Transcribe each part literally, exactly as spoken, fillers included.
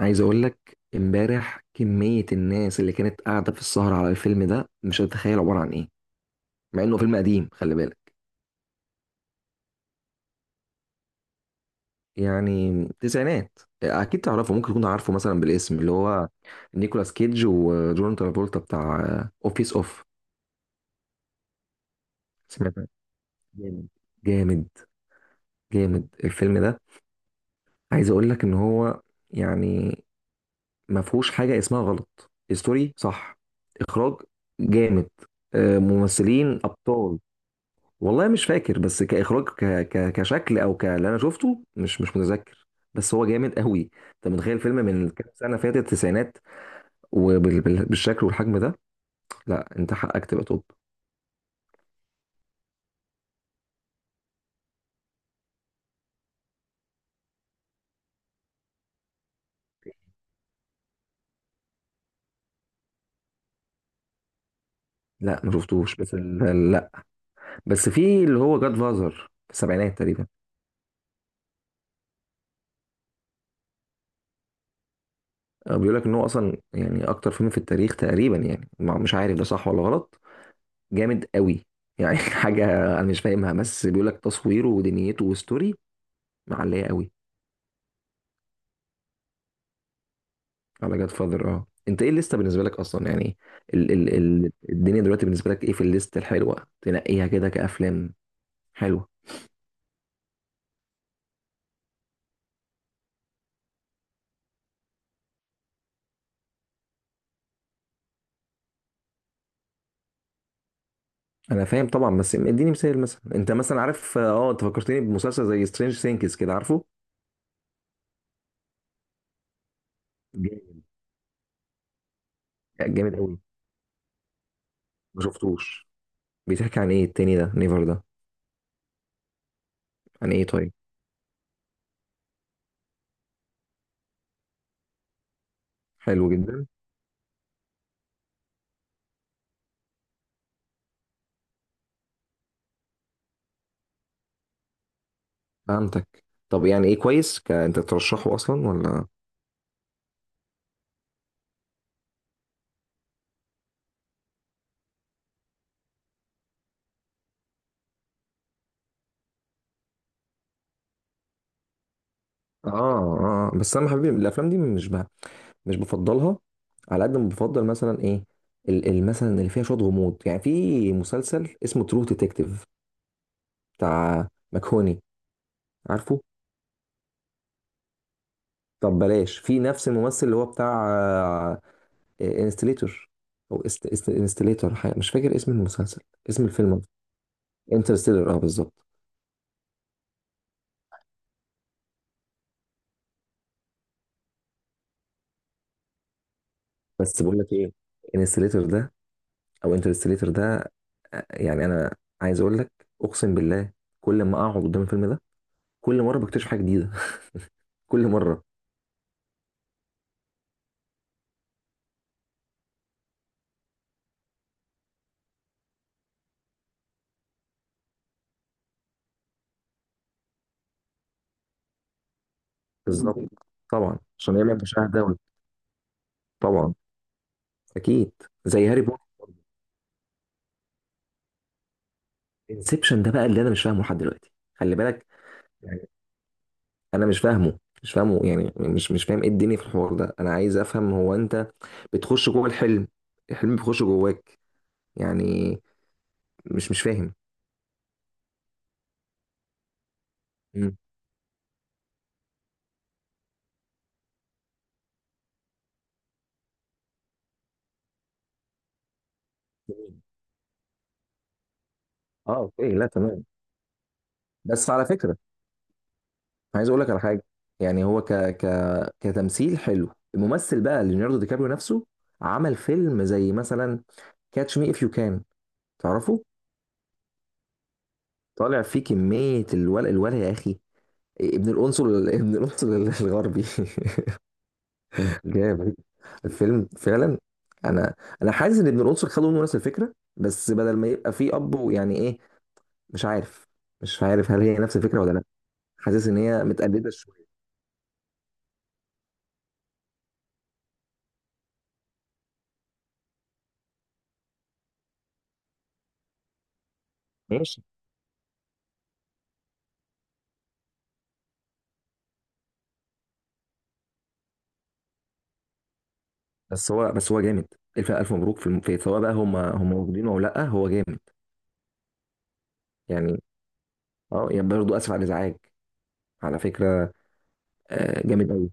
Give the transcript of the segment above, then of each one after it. عايز اقول لك، امبارح كمية الناس اللي كانت قاعدة في السهرة على الفيلم ده مش هتتخيل عبارة عن ايه. مع انه فيلم قديم، خلي بالك. يعني تسعينات، اكيد تعرفه، ممكن تكون عارفه مثلا بالاسم، اللي هو نيكولاس كيدج وجون ترافولتا بتاع اوفيس اوف. سمعت عنه؟ جامد. جامد. جامد الفيلم ده. عايز اقول لك ان هو، يعني، ما فيهوش حاجة اسمها غلط. ستوري صح، اخراج جامد. آه، ممثلين ابطال. والله مش فاكر، بس كاخراج ك... ك... كشكل او ك اللي انا شفته مش مش متذكر. بس هو جامد قوي. انت متخيل فيلم من كام سنه فاتت، التسعينات؟ وبالشكل والحجم ده. لا، انت حقك تبقى توب. لا ما شفتوش، بس ال... لا. بس في اللي هو جاد فازر في السبعينات تقريبا. بيقول لك ان هو اصلا، يعني، اكتر فيلم في التاريخ تقريبا. يعني ما- مش عارف ده صح ولا غلط. جامد قوي. يعني حاجه، انا مش فاهمها، بس بيقول لك تصويره ودنيته وستوري معليه قوي. على جاد فاذر. اه، انت ايه الليسته بالنسبه لك اصلا، يعني، ال ال ال الدنيا دلوقتي بالنسبه لك، ايه في الليسته الحلوه تنقيها كده كافلام حلوه؟ انا فاهم طبعا، بس اديني مثال مثلا. انت مثلا عارف، اه انت فكرتني بمسلسل زي سترينج ثينكس كده، عارفه؟ جامد. جامد قوي. ما شفتوش. بيحكي عن ايه التاني ده، نيفر ده؟ عن ايه طيب؟ حلو جدا. فهمتك. طب يعني ايه، كويس؟ ك... انت ترشحه اصلا ولا، اه اه؟ آه. بس انا حبيبي، الافلام دي مش بقى، مش بفضلها. على قد ما بفضل مثلا ايه، ال- ال- مثلا اللي فيها شويه غموض. يعني في مسلسل اسمه ترو ديتكتيف، بتاع مكهوني. عارفه؟ طب بلاش، في نفس الممثل اللي هو بتاع انستليتور، او انستليتور، مش فاكر اسم المسلسل، اسم الفيلم. انترستيلر، اه، بالظبط. بس بقول لك ايه، انستليتور ده، او انترستيلر ده، آه، يعني انا عايز اقول لك، اقسم بالله، كل ما اقعد قدام الفيلم ده، كل مره بكتشف حاجه جديده. كل مره. بالظبط. طبعا عشان يعمل مشاهد دولي. طبعا. اكيد. زي هاري بوتر. انسبشن ده بقى اللي انا مش فاهمه لحد دلوقتي، خلي بالك. يعني انا مش فاهمه مش فاهمه، يعني مش مش فاهم ايه الدنيا في الحوار ده. انا عايز افهم، هو انت بتخش جوه الحلم، الحلم بيخش جواك؟ يعني، مش مش فاهم. مم. اه، اوكي، لا، تمام. بس على فكره، عايز اقول لك على حاجه. يعني هو، ك ك كتمثيل حلو. الممثل بقى ليوناردو دي كابريو نفسه، عمل فيلم زي مثلا كاتش مي اف يو كان، تعرفه؟ طالع فيه كمية الولع، الولع يا أخي! ابن القنصل، ابن القنصل الغربي. جامد الفيلم فعلا. أنا أنا حاسس إن ابن القنصل خدوا منه نفس الفكرة، بس بدل ما يبقى فيه أب ويعني إيه، مش عارف، مش عارف هل هي نفس الفكرة ولا لأ. حاسس إن هي متقلدة شوية. ماشي. بس هو بس هو جامد. ألف ألف مبروك، في الم- في، سواء بقى هم هم واخدينه أو لأ، هو جامد. يعني، أه يعني، برضه آسف على الإزعاج، على فكرة، آه، جامد أوي.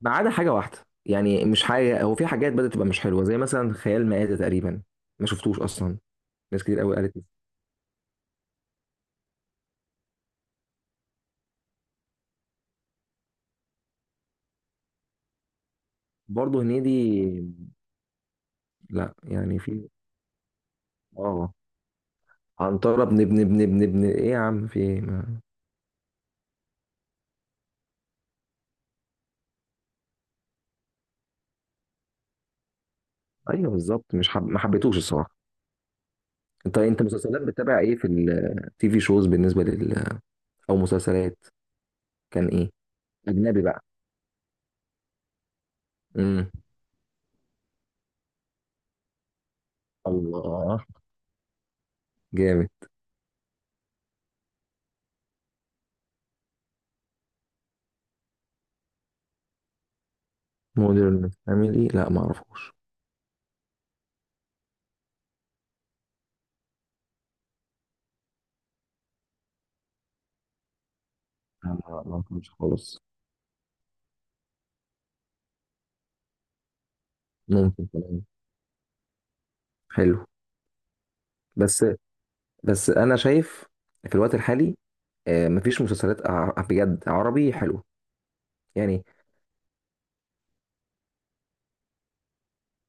ما عدا حاجه واحده، يعني مش حاجه، هو في حاجات بدات تبقى مش حلوه، زي مثلا خيال مآتة تقريبا. ما شفتوش اصلا. ناس كتير قوي قالت لي. برضه هنيدي. لا، يعني في، اه، عنترة ابن ابن ابن ابن ابن ايه يا عم، في إيه؟ ما... ايوه بالظبط. مش حب... ما حبيتوش الصراحه. انت انت مسلسلات بتتابع ايه في التي في شوز بالنسبه لل، او مسلسلات، كان ايه، اجنبي بقى؟ امم. الله. جامد. مودرن فاميلي؟ لا ما اعرفوش. لا، ما ما أعرفوش خالص. ممكن كمان، حلو. بس، بس انا شايف، في الوقت الحالي، آه، مفيش مسلسلات ع- بجد عربي حلوه. يعني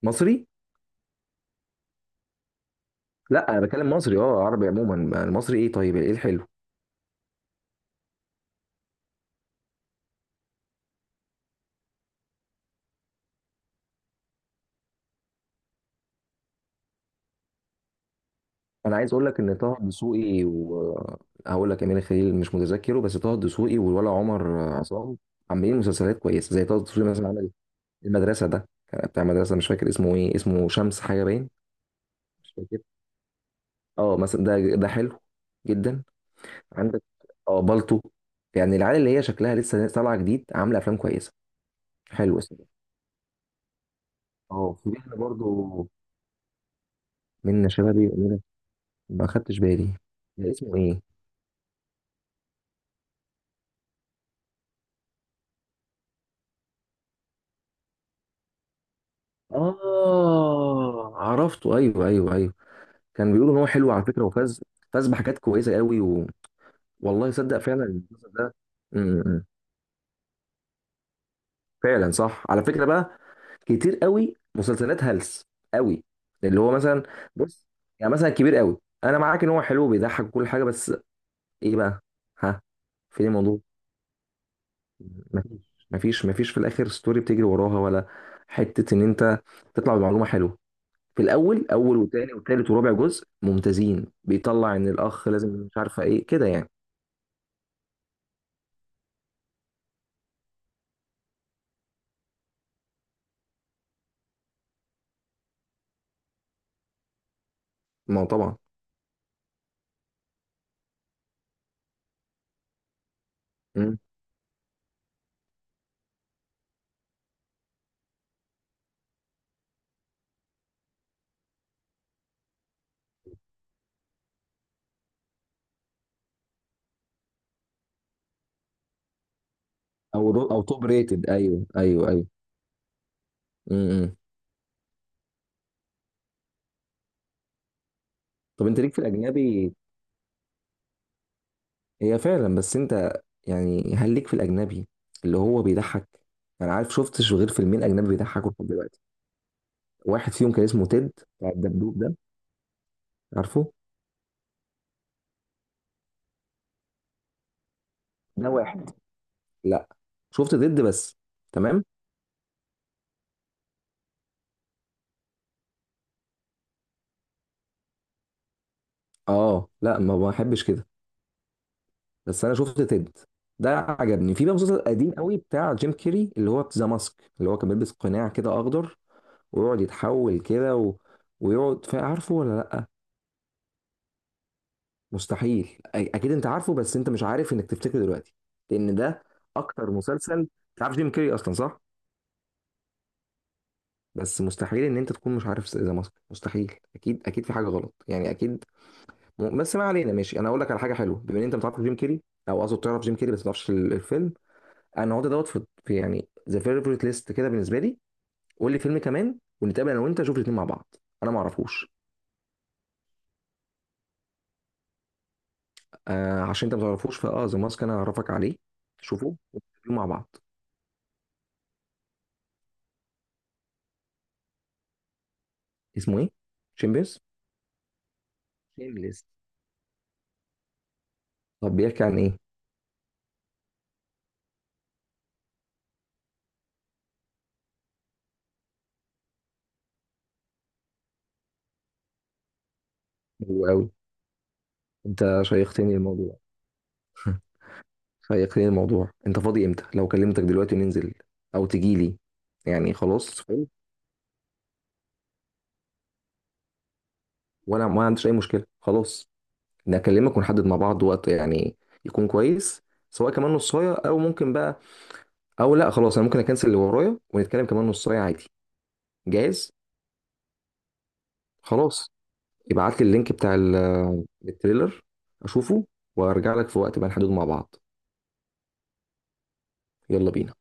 مصري. لا، انا بتكلم مصري اه عربي عموما. المصري ايه؟ طيب ايه الحلو؟ انا عايز اقول لك ان طه دسوقي، وهقول لك امير خليل مش متذكره، بس طه دسوقي والولا عمر عصام عاملين مسلسلات كويسه. زي طه دسوقي مثلا، عمل المدرسه. ده كان بتاع مدرسه، مش فاكر اسمه ايه، اسمه شمس حاجه، باين. مش فاكر. اه مثلا ده ده حلو جدا. عندك، اه، بالطو، يعني العيال اللي هي شكلها لسه طالعه جديد، عامله افلام كويسه. حلو اسمه ده. اه، في احنا برضو منة شلبي وأمينة-، ما خدتش بالي. ده اسمه ايه؟ اه عرفته، ايوه، ايوه، ايوه. كان بيقولوا ان هو حلو على فكره، وفاز. فاز بحاجات كويسه قوي و... والله صدق فعلا المسلسل ده. م- م. فعلا صح. على فكره بقى، كتير قوي مسلسلات هلس، قوي. اللي هو مثلا، بص، يعني مثلا كبير قوي. انا معاك ان هو حلو وبيضحك وكل حاجه، بس ايه بقى؟ ها؟ فين الموضوع؟ مفيش. مفيش مفيش في الاخر ستوري بتجري وراها، ولا حته ان انت تطلع بمعلومه حلوه. في الاول، اول وتاني وتالت ورابع جزء ممتازين، بيطلع ان الاخ لازم مش عارفه ايه كده، يعني. ما هو طبعا. مم. او رو- او توب ريتد، ايوه، ايوه، ايوه. امم. طب انت ليك في الاجنبي؟ هي فعلا، بس انت، يعني هل ليك في الاجنبي اللي هو بيضحك؟ انا عارف شفتش غير فيلمين اجنبي بيضحكوا لحد دلوقتي. واحد فيهم كان اسمه تيد، بتاع الدبدوب ده. عارفه؟ ده واحد. لا، شفت تد بس. تمام. اه لا، ما بحبش كده. بس انا شفت تد ده عجبني. في بقى مسلسل قديم قوي بتاع جيم كيري اللي هو ذا ماسك، اللي هو كان بيلبس قناع كده اخضر ويقعد يتحول كده و... ويقعد فا- عارفه ولا لا؟ مستحيل أي- اكيد انت عارفه، بس انت مش عارف انك تفتكره دلوقتي، لان ده اكتر مسلسل. انت عارف جيم كيري اصلا، صح؟ بس مستحيل ان انت تكون مش عارف ذا ماسك، مستحيل، اكيد اكيد، في حاجه غلط يعني، اكيد. بس ما علينا. ماشي، انا اقول لك على حاجه حلوه، بما ان انت ما تعرفش جيم كيري، او اقصد تعرف جيم كيري بس ما تعرفش ال- الفيلم. انا هقعد دوت في في يعني ذا فيفورت ليست كده بالنسبه لي. قول لي فيلم كمان، ونتقابل انا وانت نشوف الاثنين مع بعض. انا ما اعرفوش. آه عشان انت ما تعرفوش فاه ذا ماسك، انا هعرفك عليه. شوفه ونتقابل مع بعض. اسمه ايه؟ شيمبيرز؟ شيمليس. طب بيحكي عن ايه؟ حلو قوي. انت شيقتني الموضوع. شيقتني الموضوع. انت فاضي امتى؟ لو كلمتك دلوقتي وننزل، او تجي لي. يعني خلاص، وانا ما عنديش اي مشكله، خلاص. نكلمك ونحدد مع بعض وقت يعني، يكون كويس. سواء كمان نصايه، او ممكن بقى، او لا خلاص، انا ممكن اكنسل اللي ورايا ونتكلم كمان نصايه عادي. جاهز. خلاص. ابعت لي اللينك بتاع ال- التريلر، اشوفه، وارجع لك في وقت بقى نحدده مع بعض. يلا بينا.